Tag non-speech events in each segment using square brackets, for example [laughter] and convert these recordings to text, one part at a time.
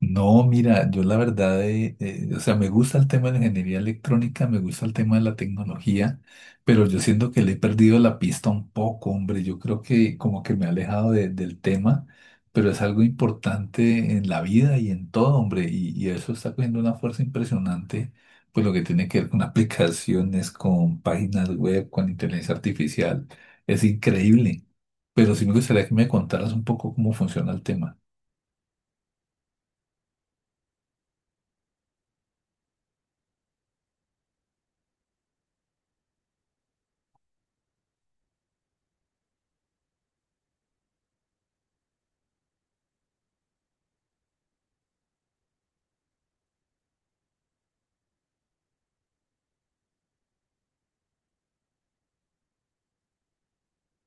No, mira, yo la verdad, o sea, me gusta el tema de la ingeniería electrónica, me gusta el tema de la tecnología, pero yo siento que le he perdido la pista un poco, hombre. Yo creo que como que me he alejado del tema, pero es algo importante en la vida y en todo, hombre, y eso está cogiendo una fuerza impresionante, pues lo que tiene que ver con [laughs] aplicaciones, con páginas web, con inteligencia artificial, es increíble. Pero sí me gustaría que me contaras un poco cómo funciona el tema.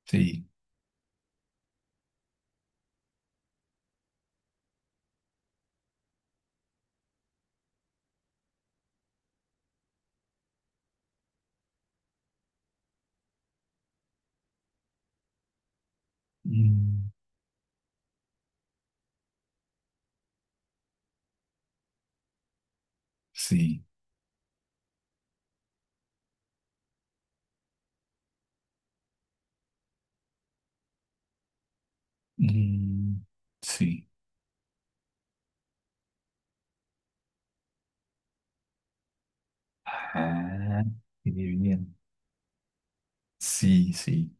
Sí. Mm. Sí. Mm, sí. Ah, qué bien. Sí, sí.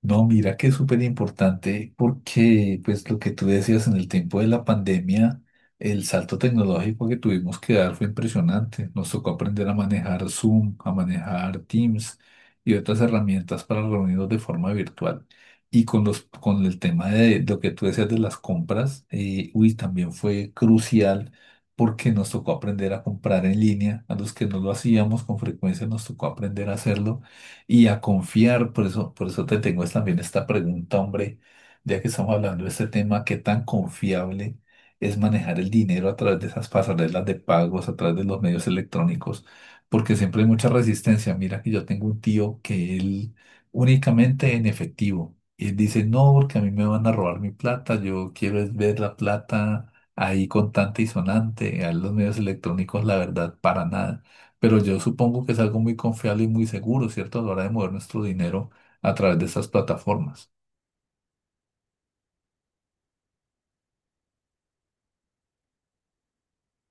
No, mira que es súper importante porque, pues, lo que tú decías en el tiempo de la pandemia, el salto tecnológico que tuvimos que dar fue impresionante. Nos tocó aprender a manejar Zoom, a manejar Teams y otras herramientas para reunirnos de forma virtual. Y con los, con el tema de, lo que tú decías de las compras, uy, también fue crucial porque nos tocó aprender a comprar en línea. A los que no lo hacíamos con frecuencia nos tocó aprender a hacerlo y a confiar. Por eso te tengo es también esta pregunta, hombre, ya que estamos hablando de este tema, ¿qué tan confiable es manejar el dinero a través de esas pasarelas de pagos, a través de los medios electrónicos? Porque siempre hay mucha resistencia. Mira que yo tengo un tío que él únicamente en efectivo. Y él dice, no, porque a mí me van a robar mi plata, yo quiero es ver la plata ahí contante y sonante, a los medios electrónicos, la verdad, para nada. Pero yo supongo que es algo muy confiable y muy seguro, ¿cierto? A la hora de mover nuestro dinero a través de estas plataformas.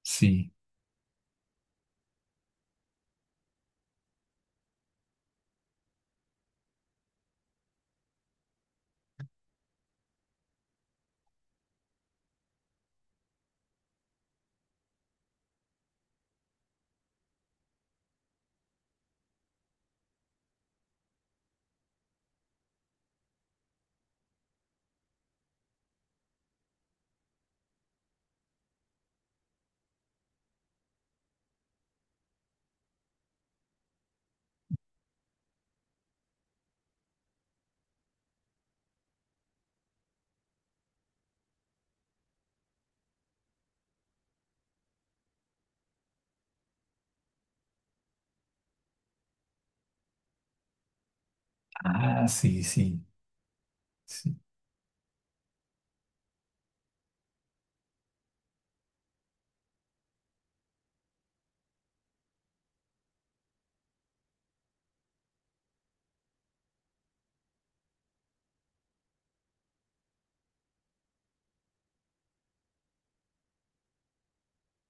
Sí. Ah, sí, sí, sí.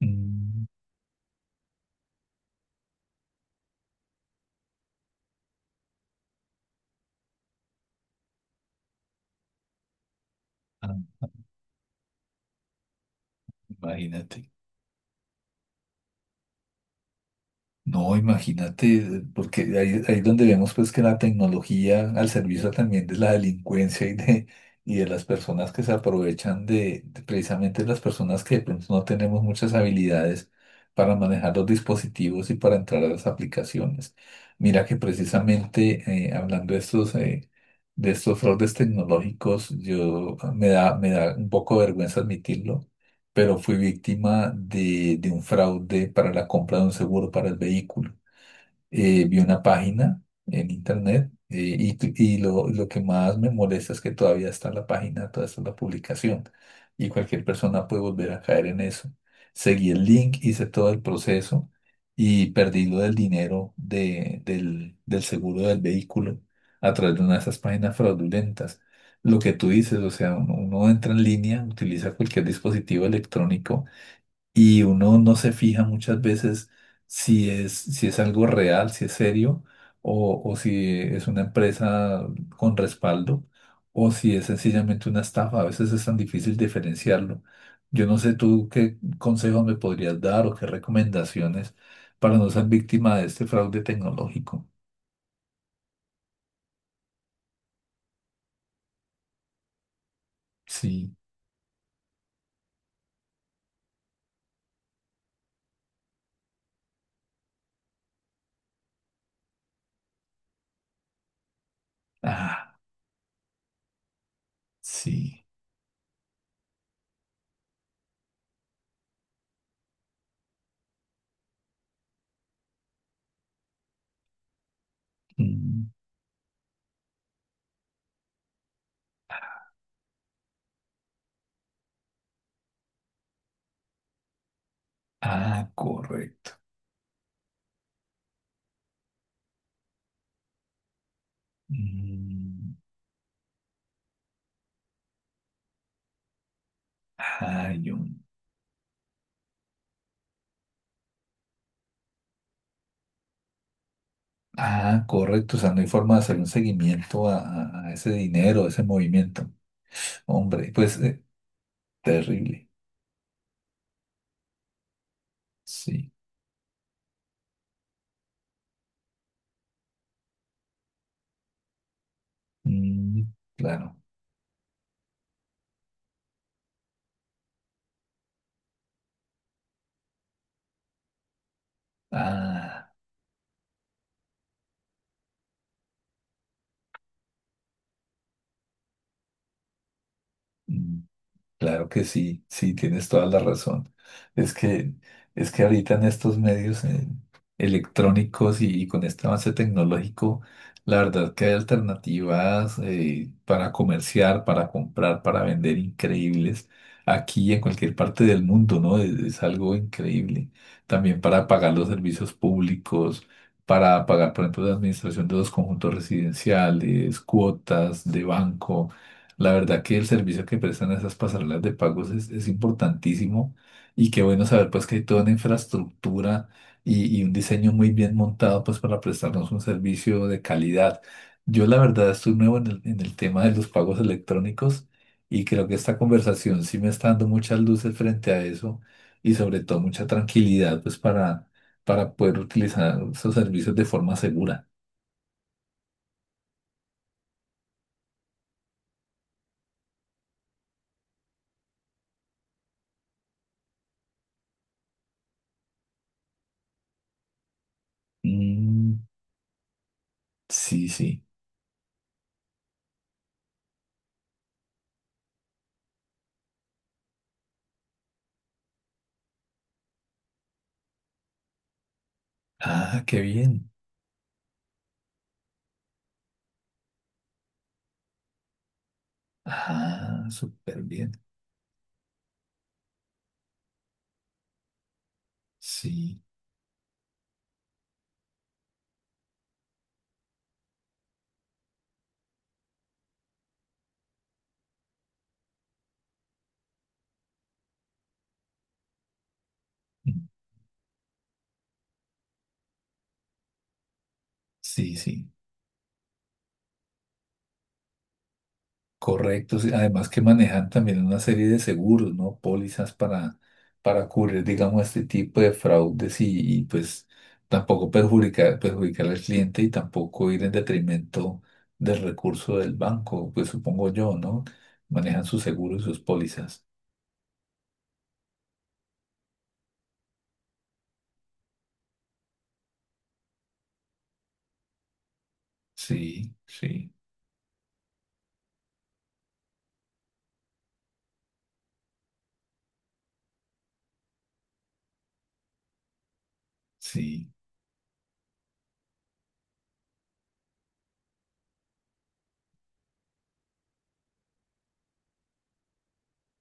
Mm, ah, imagínate. No, imagínate, porque ahí, ahí donde vemos pues que la tecnología al servicio también de la delincuencia y de las personas que se aprovechan de precisamente las personas que pues, no tenemos muchas habilidades para manejar los dispositivos y para entrar a las aplicaciones. Mira que precisamente hablando de estos fraudes tecnológicos, yo me da un poco de vergüenza admitirlo pero fui víctima de un fraude para la compra de un seguro para el vehículo, vi una página en internet, y lo que más me molesta es que todavía está la página, todavía está la publicación y cualquier persona puede volver a caer en eso. Seguí el link, hice todo el proceso y perdí lo del dinero del seguro del vehículo a través de una de esas páginas fraudulentas. Lo que tú dices, o sea, uno, uno entra en línea, utiliza cualquier dispositivo electrónico y uno no se fija muchas veces si es, si es algo real, si es serio, o si es una empresa con respaldo, o si es sencillamente una estafa. A veces es tan difícil diferenciarlo. Yo no sé tú qué consejos me podrías dar o qué recomendaciones para no ser víctima de este fraude tecnológico. Sí, ah, sí. Mm. Ah, correcto. Mm. Ay, hombre. Ah, correcto, o sea, no hay forma de hacer un seguimiento a, a ese dinero, a ese movimiento. Hombre, pues, terrible, sí. Mm, claro. Ah, mm. Claro que sí, sí, tienes toda la razón. Es que, es que ahorita en estos medios electrónicos y con este avance tecnológico, la verdad que hay alternativas para comerciar, para comprar, para vender increíbles aquí y en cualquier parte del mundo, ¿no? Es algo increíble. También para pagar los servicios públicos, para pagar, por ejemplo, la administración de los conjuntos residenciales, cuotas de banco. La verdad que el servicio que prestan esas pasarelas de pagos es importantísimo y qué bueno saber pues que hay toda una infraestructura y un diseño muy bien montado pues para prestarnos un servicio de calidad. Yo la verdad estoy nuevo en en el tema de los pagos electrónicos y creo que esta conversación sí me está dando muchas luces frente a eso y sobre todo mucha tranquilidad pues para poder utilizar esos servicios de forma segura. Mm, sí, sí. Ah, qué bien. Ah, súper bien. Sí, sí, sí. Correcto. Sí. Además que manejan también una serie de seguros, ¿no? Pólizas para cubrir, digamos, este tipo de fraudes pues tampoco perjudicar, perjudicar al cliente y tampoco ir en detrimento del recurso del banco, pues supongo yo, ¿no? Manejan sus seguros y sus pólizas. Sí, sí, sí,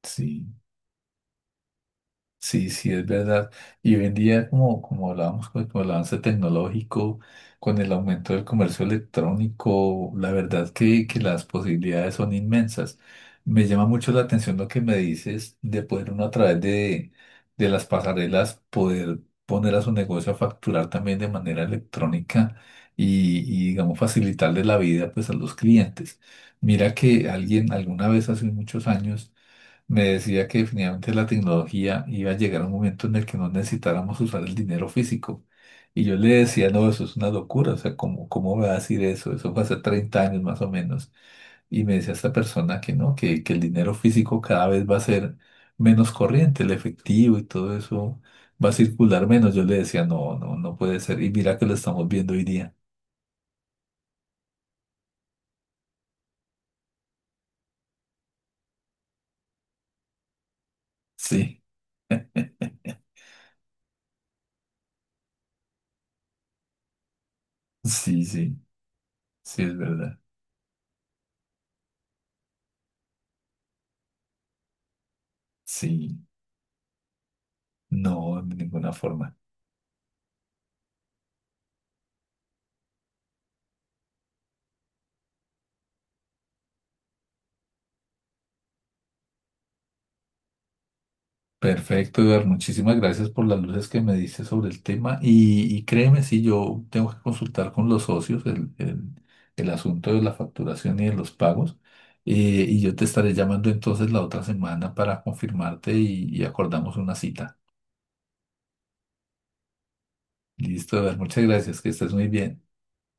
sí. Sí, sí, es verdad. Y hoy en día, como, como hablábamos con el avance tecnológico, con el aumento del comercio electrónico, la verdad que las posibilidades son inmensas. Me llama mucho la atención lo que me dices de poder uno a través de las pasarelas poder poner a su negocio a facturar también de manera electrónica y digamos, facilitarle la vida pues a los clientes. Mira que alguien alguna vez hace muchos años me decía que definitivamente la tecnología iba a llegar a un momento en el que no necesitáramos usar el dinero físico. Y yo le decía, no, eso es una locura, o sea, ¿cómo, cómo va a decir eso? Eso fue hace 30 años más o menos. Y me decía esta persona que no, que el dinero físico cada vez va a ser menos corriente, el efectivo y todo eso va a circular menos. Yo le decía, no, no, no puede ser. Y mira que lo estamos viendo hoy día. Sí, sí, sí, sí, es verdad. Sí, no, de ninguna forma. Perfecto, Eduardo. Muchísimas gracias por las luces que me diste sobre el tema. Y créeme, si yo tengo que consultar con los socios el asunto de la facturación y de los pagos. Y yo te estaré llamando entonces la otra semana para confirmarte y acordamos una cita. Listo, Eduardo. Muchas gracias. Que estés muy bien.